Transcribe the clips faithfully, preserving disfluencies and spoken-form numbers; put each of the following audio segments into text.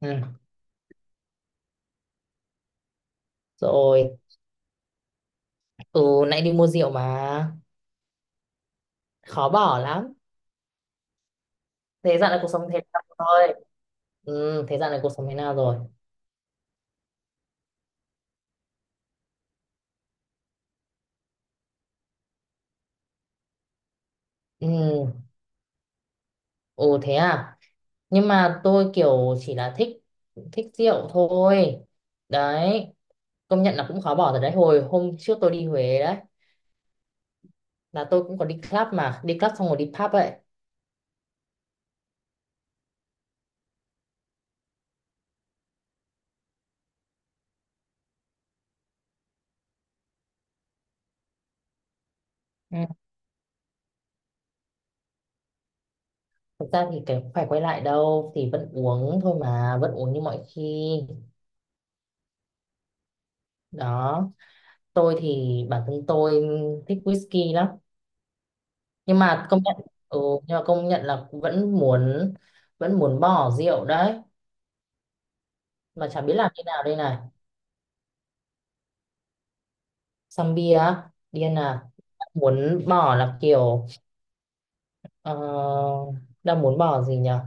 Ừ. Rồi, ừ, nãy đi mua rượu mà khó bỏ lắm. Thế dạo này cuộc sống thế nào rồi? Ừ, thế dạo này cuộc sống thế nào rồi? Ừ, ừ thế à? Nhưng mà tôi kiểu chỉ là thích thích rượu thôi. Đấy, công nhận là cũng khó bỏ rồi đấy. Hồi hôm trước tôi đi Huế đấy, là tôi cũng có đi club mà, đi club xong rồi đi pub ấy. Ừ. Thực ra thì cái phải quay lại đâu thì vẫn uống thôi mà, vẫn uống như mọi khi. Đó. Tôi thì bản thân tôi thích whisky lắm nhưng mà công nhận, ừ, nhưng mà công nhận là vẫn muốn vẫn muốn bỏ rượu đấy mà chả biết làm thế nào đây này. Sang bia á, điên à? Đang muốn bỏ là kiểu, ờ, đang muốn bỏ gì nhở,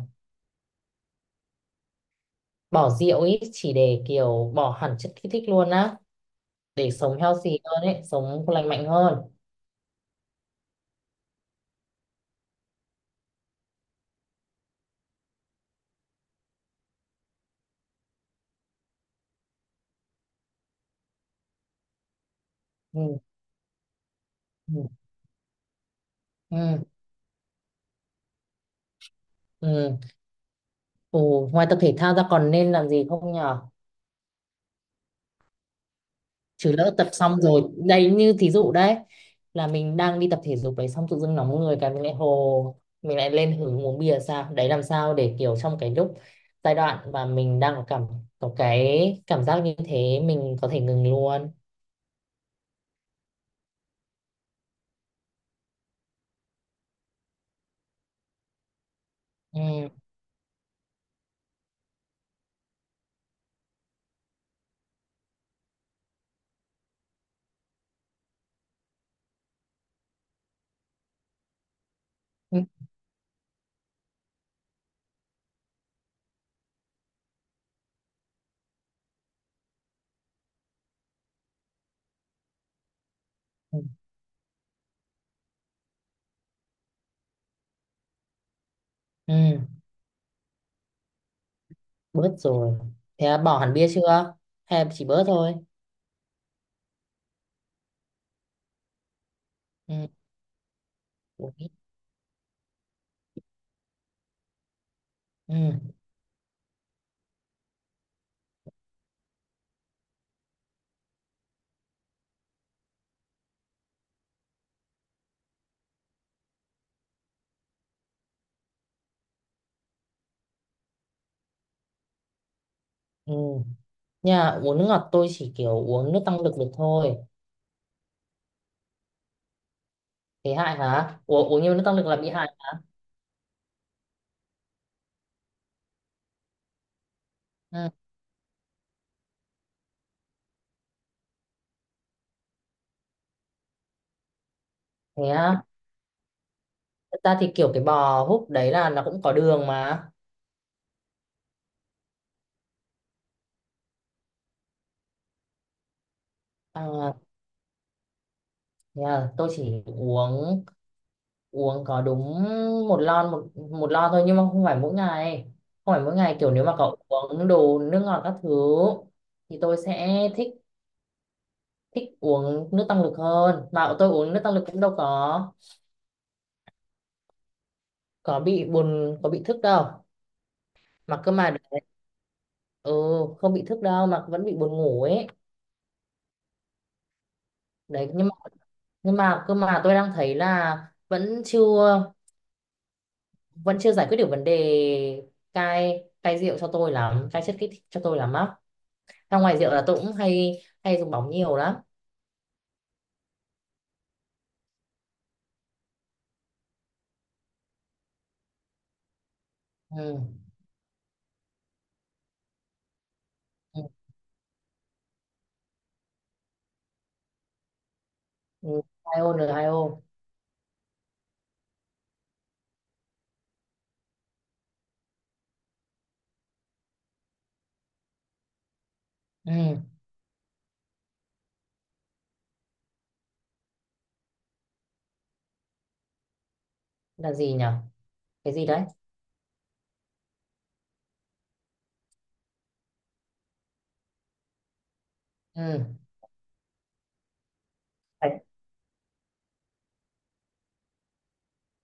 bỏ rượu ý chỉ để kiểu bỏ hẳn chất kích thích luôn á, để sống healthy hơn ấy, sống lành mạnh hơn. Ừ, ừ, ừ. Ừ. Ừ, ngoài tập thể thao ra còn nên làm gì không nhở? Chứ lỡ tập xong rồi đây như thí dụ đấy, là mình đang đi tập thể dục đấy xong tự dưng nóng người cái mình lại hồ, mình lại lên hứng uống bia sao đấy, làm sao để kiểu trong cái lúc giai đoạn mà mình đang có cảm, có cái cảm giác như thế mình có thể ngừng luôn. Ừ. Ừ. Ừ. Ừ. Bớt rồi, thế là bỏ hẳn bia chưa hay là chỉ bớt thôi? Ừ. Uống ít. Ừ. Ừ. Nhà uống nước ngọt tôi chỉ kiểu uống nước tăng lực được thôi. Thế hại hả, uống uống nhiều nước tăng lực là bị hại? Ừ. Thế á? Thật ra thì kiểu cái bò húc đấy là nó cũng có đường mà. À, thế à, tôi chỉ uống uống có đúng một lon một một lon thôi nhưng mà không phải mỗi ngày, không phải mỗi ngày, kiểu nếu mà cậu uống đồ nước ngọt các thứ thì tôi sẽ thích, thích uống nước tăng lực hơn, mà tôi uống nước tăng lực cũng đâu có có bị buồn, có bị thức đâu. Mà cơ mà đấy, ừ, không bị thức đâu mà vẫn bị buồn ngủ ấy. Đấy nhưng mà, nhưng mà cơ mà tôi đang thấy là vẫn chưa vẫn chưa giải quyết được vấn đề cai cai rượu cho tôi lắm, cai chất kích thích cho tôi lắm á. Ra ngoài rượu là tôi cũng hay hay dùng bóng nhiều lắm. Ừ. Ừ. Ừ. Hai ô rồi, hai ô. Ừ. Là gì nhỉ? Cái gì đấy? Ừ. Phải-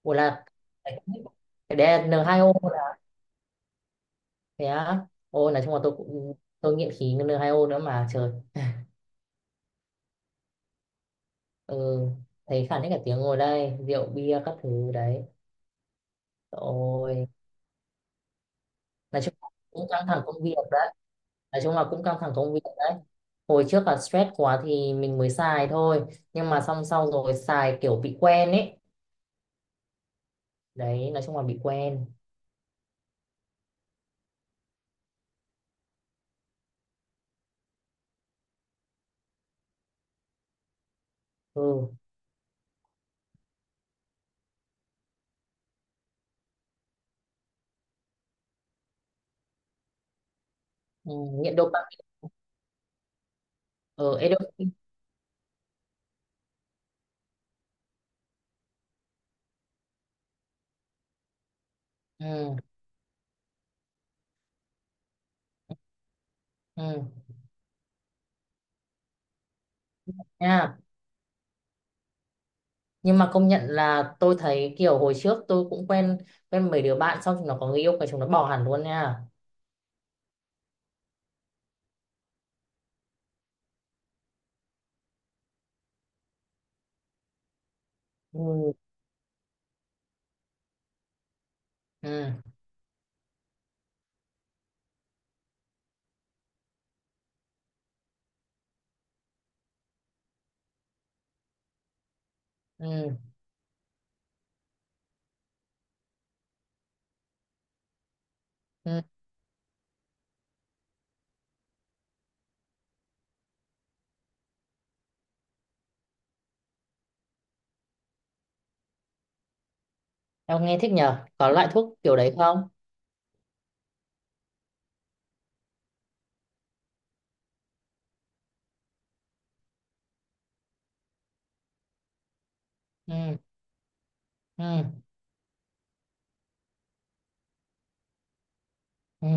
ủa là phải- cái đấy là n hai o là? Thế á? Ôi nói chung là tôi cũng, tôi nghiện khí n hai o nữa mà trời. Ừ. Thấy khản hết cả tiếng ngồi đây rượu bia các thứ đấy, ôi nói chung là cũng căng thẳng công việc đấy, nói chung là cũng căng thẳng công việc. Hồi trước là stress quá thì mình mới xài thôi nhưng mà xong xong rồi xài kiểu bị quen ấy. Đấy, nói chung là bị quen. Ừ, ừ. Nghiện dopamine. Ở, ừ, endorphin. Ừ. Ừ. Nha, nhưng mà công nhận là tôi thấy kiểu hồi trước tôi cũng quen, quen mấy đứa bạn xong chúng nó có người yêu cái chúng nó bỏ hẳn luôn nha. Ừ. Ừ. Ừ. Ừ. Em nghe thích nhở, có loại thuốc kiểu đấy không? Ừ. Ừ. Ừ.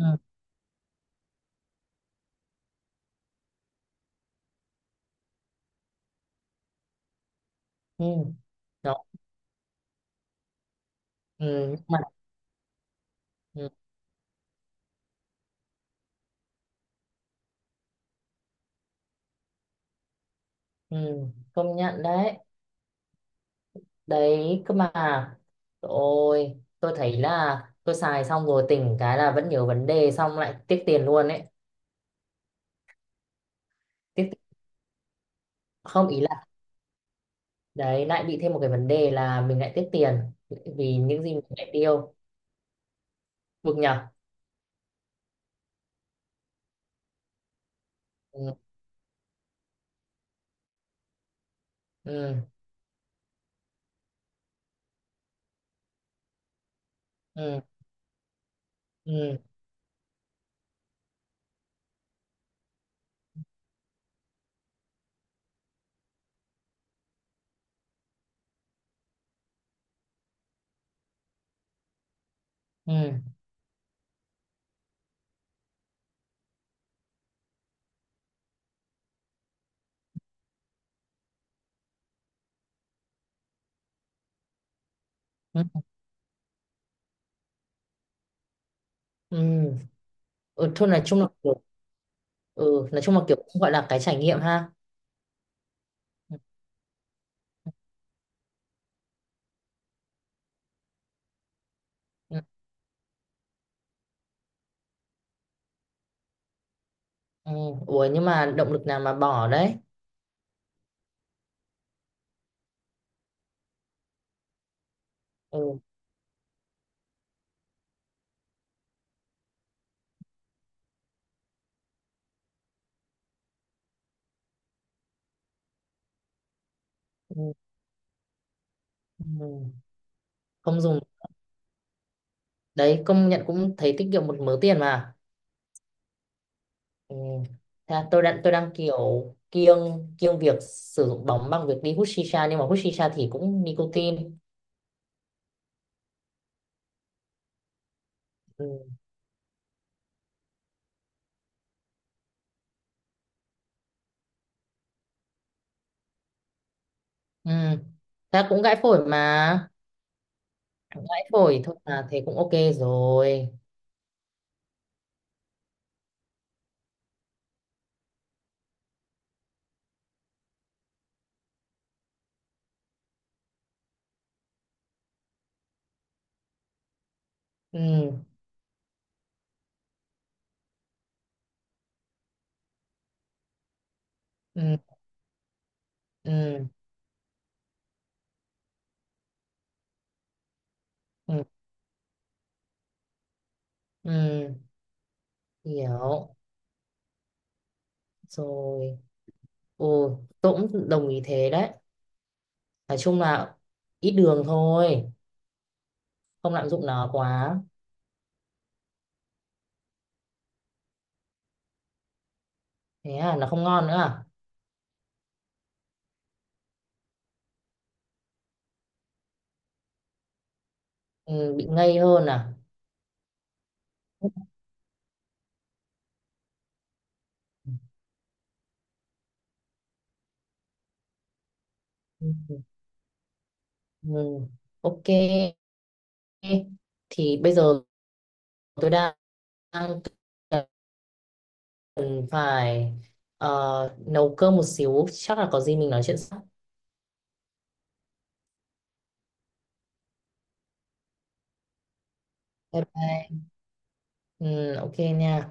Ừ. Ừ. Đó. Ừ. Mà... Ừ. Ừ. Công nhận đấy, đấy cơ mà ôi tôi thấy là tôi xài xong rồi tỉnh cái là vẫn nhớ vấn đề xong lại tiếc tiền luôn ấy. Tiếc, không ý là đấy lại bị thêm một cái vấn đề là mình lại tiếc tiền vì những gì mình lại tiêu. Bực nhở. Ừ. Ừ. Ừ. Ừ. Ừ. Ừ, ừ. Ừ, thôi nói chung là kiểu, ừ nói chung là kiểu cũng gọi là cái trải nghiệm ha. Ừ, ừ. Ừ. Ủa nhưng mà động lực nào mà bỏ đấy? Ừ, ừ, ừ. Không dùng, đấy công nhận cũng thấy tiết kiệm một mớ tiền mà. Ừ. Thế là tôi đang tôi đang kiểu kiêng kiêng việc sử dụng bóng bằng việc đi hút shisha nhưng mà hút shisha thì cũng nicotine. Ừ. Ừ. Thế là cũng gãi phổi mà, gãi phổi thôi mà thế cũng ok rồi. Ừ. Ừ. Ừ. Ừ. Ừ. Hiểu rồi. Ừ. Tôi cũng đồng ý thế đấy, nói chung là ít đường thôi, không lạm dụng nó quá. Thế à, nó không ngon nữa à? Ừ. Bị ngây hơn à? Ừ. Ừ. Ừ, ừ. Ok, thì bây giờ tôi đang cần phải, ờ, nấu cơm một xíu, chắc là có gì mình nói chuyện sau. Bye bye. Ừ, ok nha.